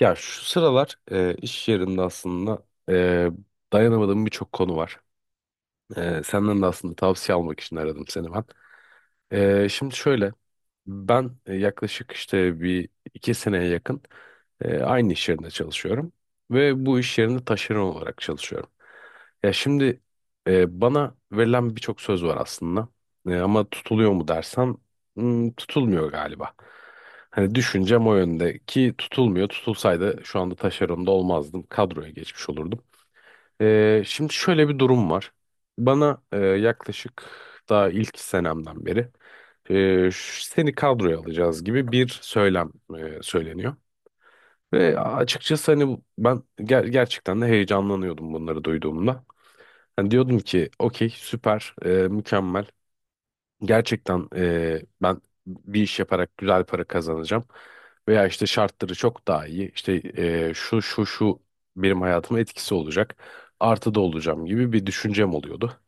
Ya şu sıralar iş yerinde aslında e, dayanamadığım birçok konu var. Senden de aslında tavsiye almak için aradım seni ben. Şimdi şöyle ben yaklaşık işte bir iki seneye yakın aynı iş yerinde çalışıyorum ve bu iş yerinde taşeron olarak çalışıyorum. Ya şimdi bana verilen birçok söz var aslında. Ama tutuluyor mu dersen tutulmuyor galiba. Hani düşüncem o yönde ki tutulmuyor. Tutulsaydı şu anda taşeronda olmazdım. Kadroya geçmiş olurdum. Şimdi şöyle bir durum var. Bana yaklaşık daha ilk senemden beri seni kadroya alacağız gibi bir söylem söyleniyor. Ve açıkçası hani ben gerçekten de heyecanlanıyordum bunları duyduğumda. Hani diyordum ki okey süper mükemmel gerçekten ben bir iş yaparak güzel para kazanacağım veya işte şartları çok daha iyi işte şu şu şu benim hayatıma etkisi olacak artıda olacağım gibi bir düşüncem oluyordu.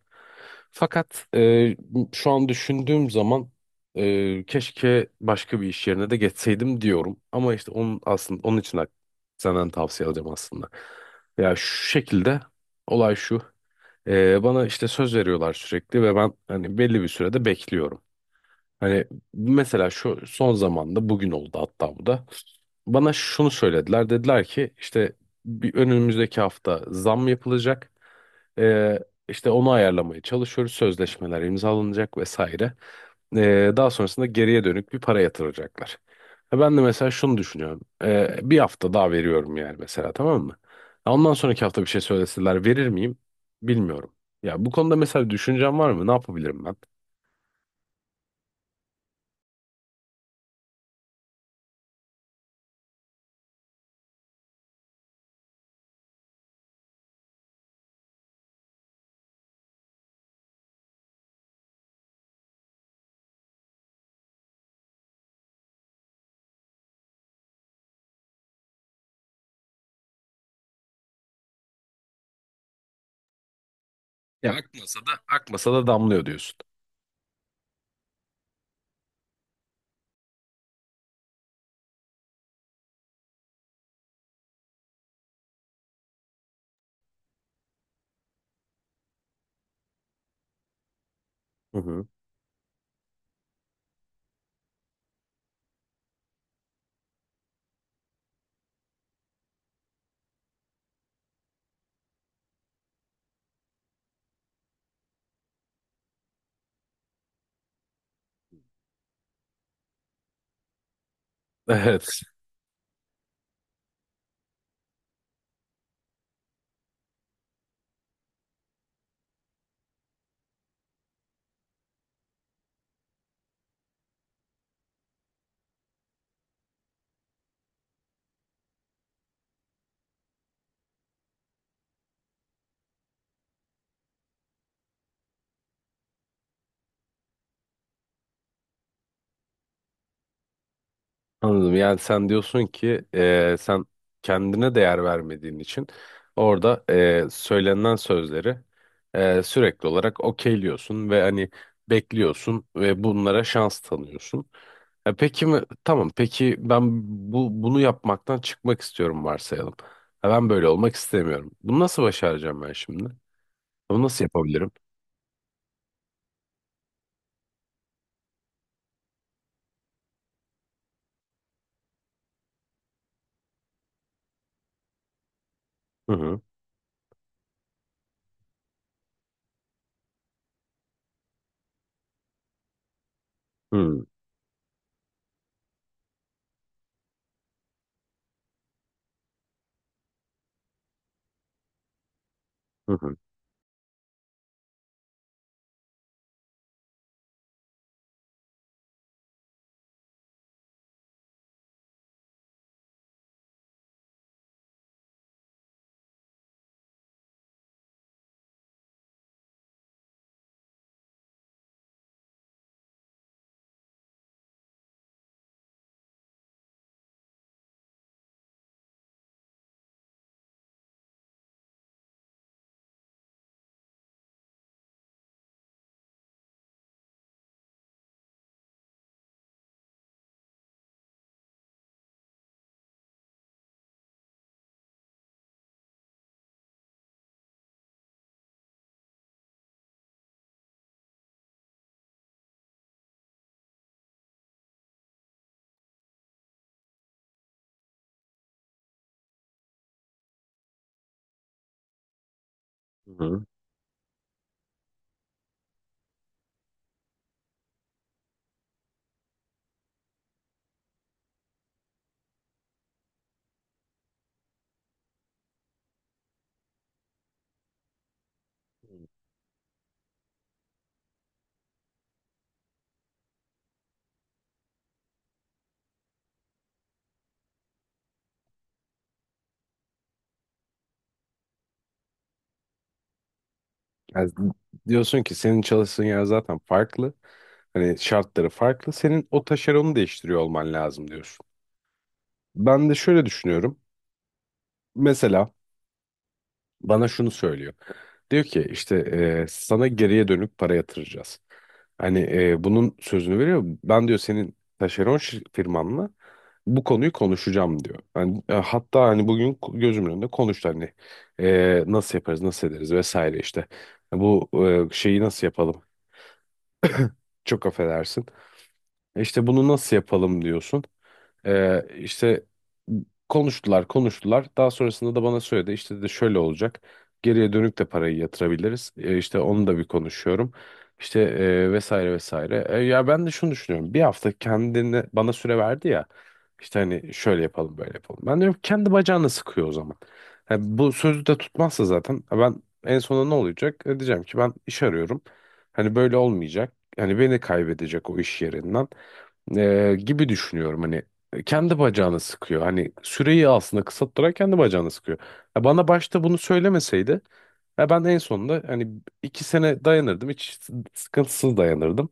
Fakat şu an düşündüğüm zaman keşke başka bir iş yerine de geçseydim diyorum ama işte onun aslında onun için de senden tavsiye alacağım aslında. Ya şu şekilde olay şu. Bana işte söz veriyorlar sürekli ve ben hani belli bir sürede bekliyorum. Hani mesela şu son zamanda bugün oldu hatta bu da. Bana şunu söylediler. Dediler ki işte bir önümüzdeki hafta zam yapılacak. Ee, işte onu ayarlamaya çalışıyoruz. Sözleşmeler imzalanacak vesaire. Daha sonrasında geriye dönük bir para yatıracaklar. Ha, ben de mesela şunu düşünüyorum. Bir hafta daha veriyorum yani mesela tamam mı? Ha, ondan sonraki hafta bir şey söyleseler verir miyim? Bilmiyorum. Ya bu konuda mesela bir düşüncen var mı? Ne yapabilirim? Ya akmasa da damlıyor diyorsun. Hı hı. Evet, anladım. Yani sen diyorsun ki sen kendine değer vermediğin için orada söylenen sözleri sürekli olarak okeyliyorsun ve hani bekliyorsun ve bunlara şans tanıyorsun. Peki mi? Tamam. Peki ben bunu yapmaktan çıkmak istiyorum varsayalım. Ha, ben böyle olmak istemiyorum. Bunu nasıl başaracağım ben şimdi? Bunu nasıl yapabilirim? Hı hı. Hı hı. Hı hı. Yani diyorsun ki senin çalıştığın yer zaten farklı. Hani şartları farklı. Senin o taşeronu değiştiriyor olman lazım diyorsun. Ben de şöyle düşünüyorum. Mesela bana şunu söylüyor. Diyor ki işte sana geriye dönük para yatıracağız. Hani bunun sözünü veriyor. Ben diyor senin taşeron firmanla bu konuyu konuşacağım diyor. Yani, hatta hani bugün gözümün önünde konuştu hani nasıl yaparız nasıl ederiz vesaire işte. Bu şeyi nasıl yapalım? Çok affedersin. İşte bunu nasıl yapalım diyorsun. İşte konuştular konuştular. Daha sonrasında da bana söyledi işte de şöyle olacak. Geriye dönük de parayı yatırabiliriz. İşte onu da bir konuşuyorum. İşte vesaire vesaire. Ya ben de şunu düşünüyorum. Bir hafta kendine bana süre verdi ya. İşte hani şöyle yapalım böyle yapalım. Ben diyorum ki kendi bacağını sıkıyor o zaman. Yani bu sözü de tutmazsa zaten ha ben en sonunda ne olacak? Diyeceğim ki ben iş arıyorum. Hani böyle olmayacak. Hani beni kaybedecek o iş yerinden. Gibi düşünüyorum hani kendi bacağını sıkıyor. Hani süreyi aslında kısalttırarak kendi bacağını sıkıyor. Ya bana başta bunu söylemeseydi ya ben en sonunda hani 2 sene dayanırdım. Hiç sıkıntısız dayanırdım.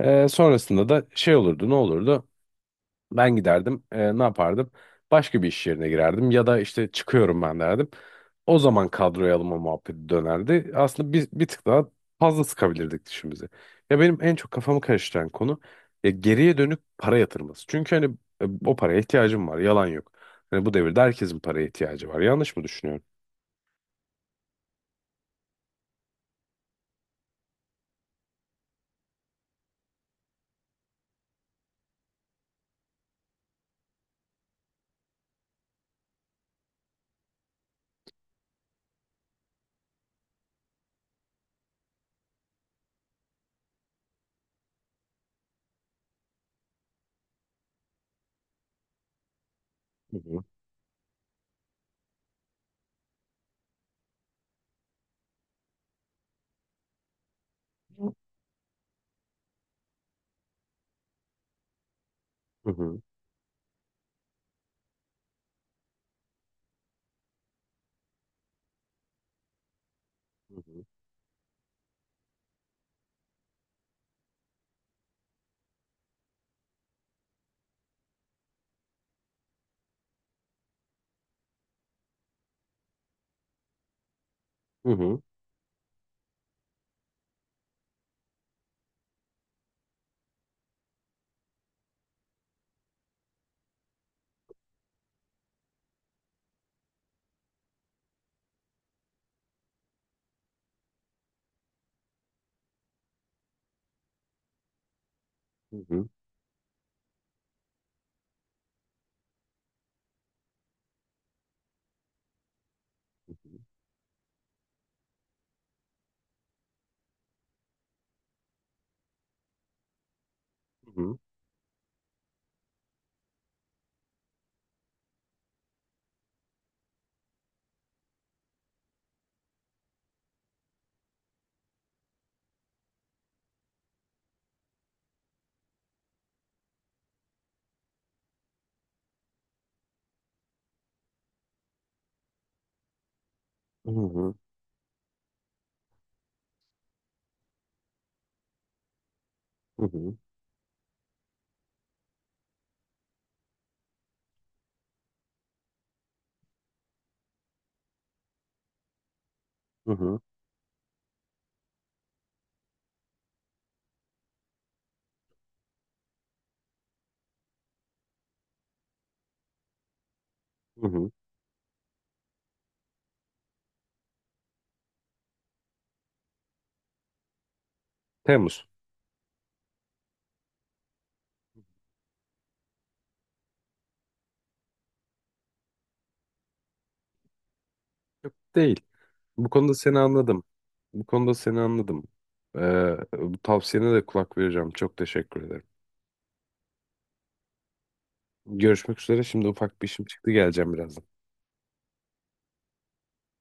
Sonrasında da şey olurdu ne olurdu? Ben giderdim. Ne yapardım? Başka bir iş yerine girerdim ya da işte çıkıyorum ben derdim. O zaman kadroya alınma muhabbeti dönerdi. Aslında bir tık daha fazla sıkabilirdik dişimizi. Ya benim en çok kafamı karıştıran konu ya geriye dönük para yatırması. Çünkü hani o paraya ihtiyacım var. Yalan yok. Hani bu devirde herkesin paraya ihtiyacı var. Yanlış mı düşünüyorum? Hı hı. Hı hı. Hı hı. Hı hı. Hı hı. Hı hı. Hı hı. Hı hı. Hı hı. Temmuz. Yok değil. Bu konuda seni anladım. Bu konuda seni anladım. Bu tavsiyene de kulak vereceğim. Çok teşekkür ederim. Görüşmek üzere. Şimdi ufak bir işim çıktı. Geleceğim birazdan.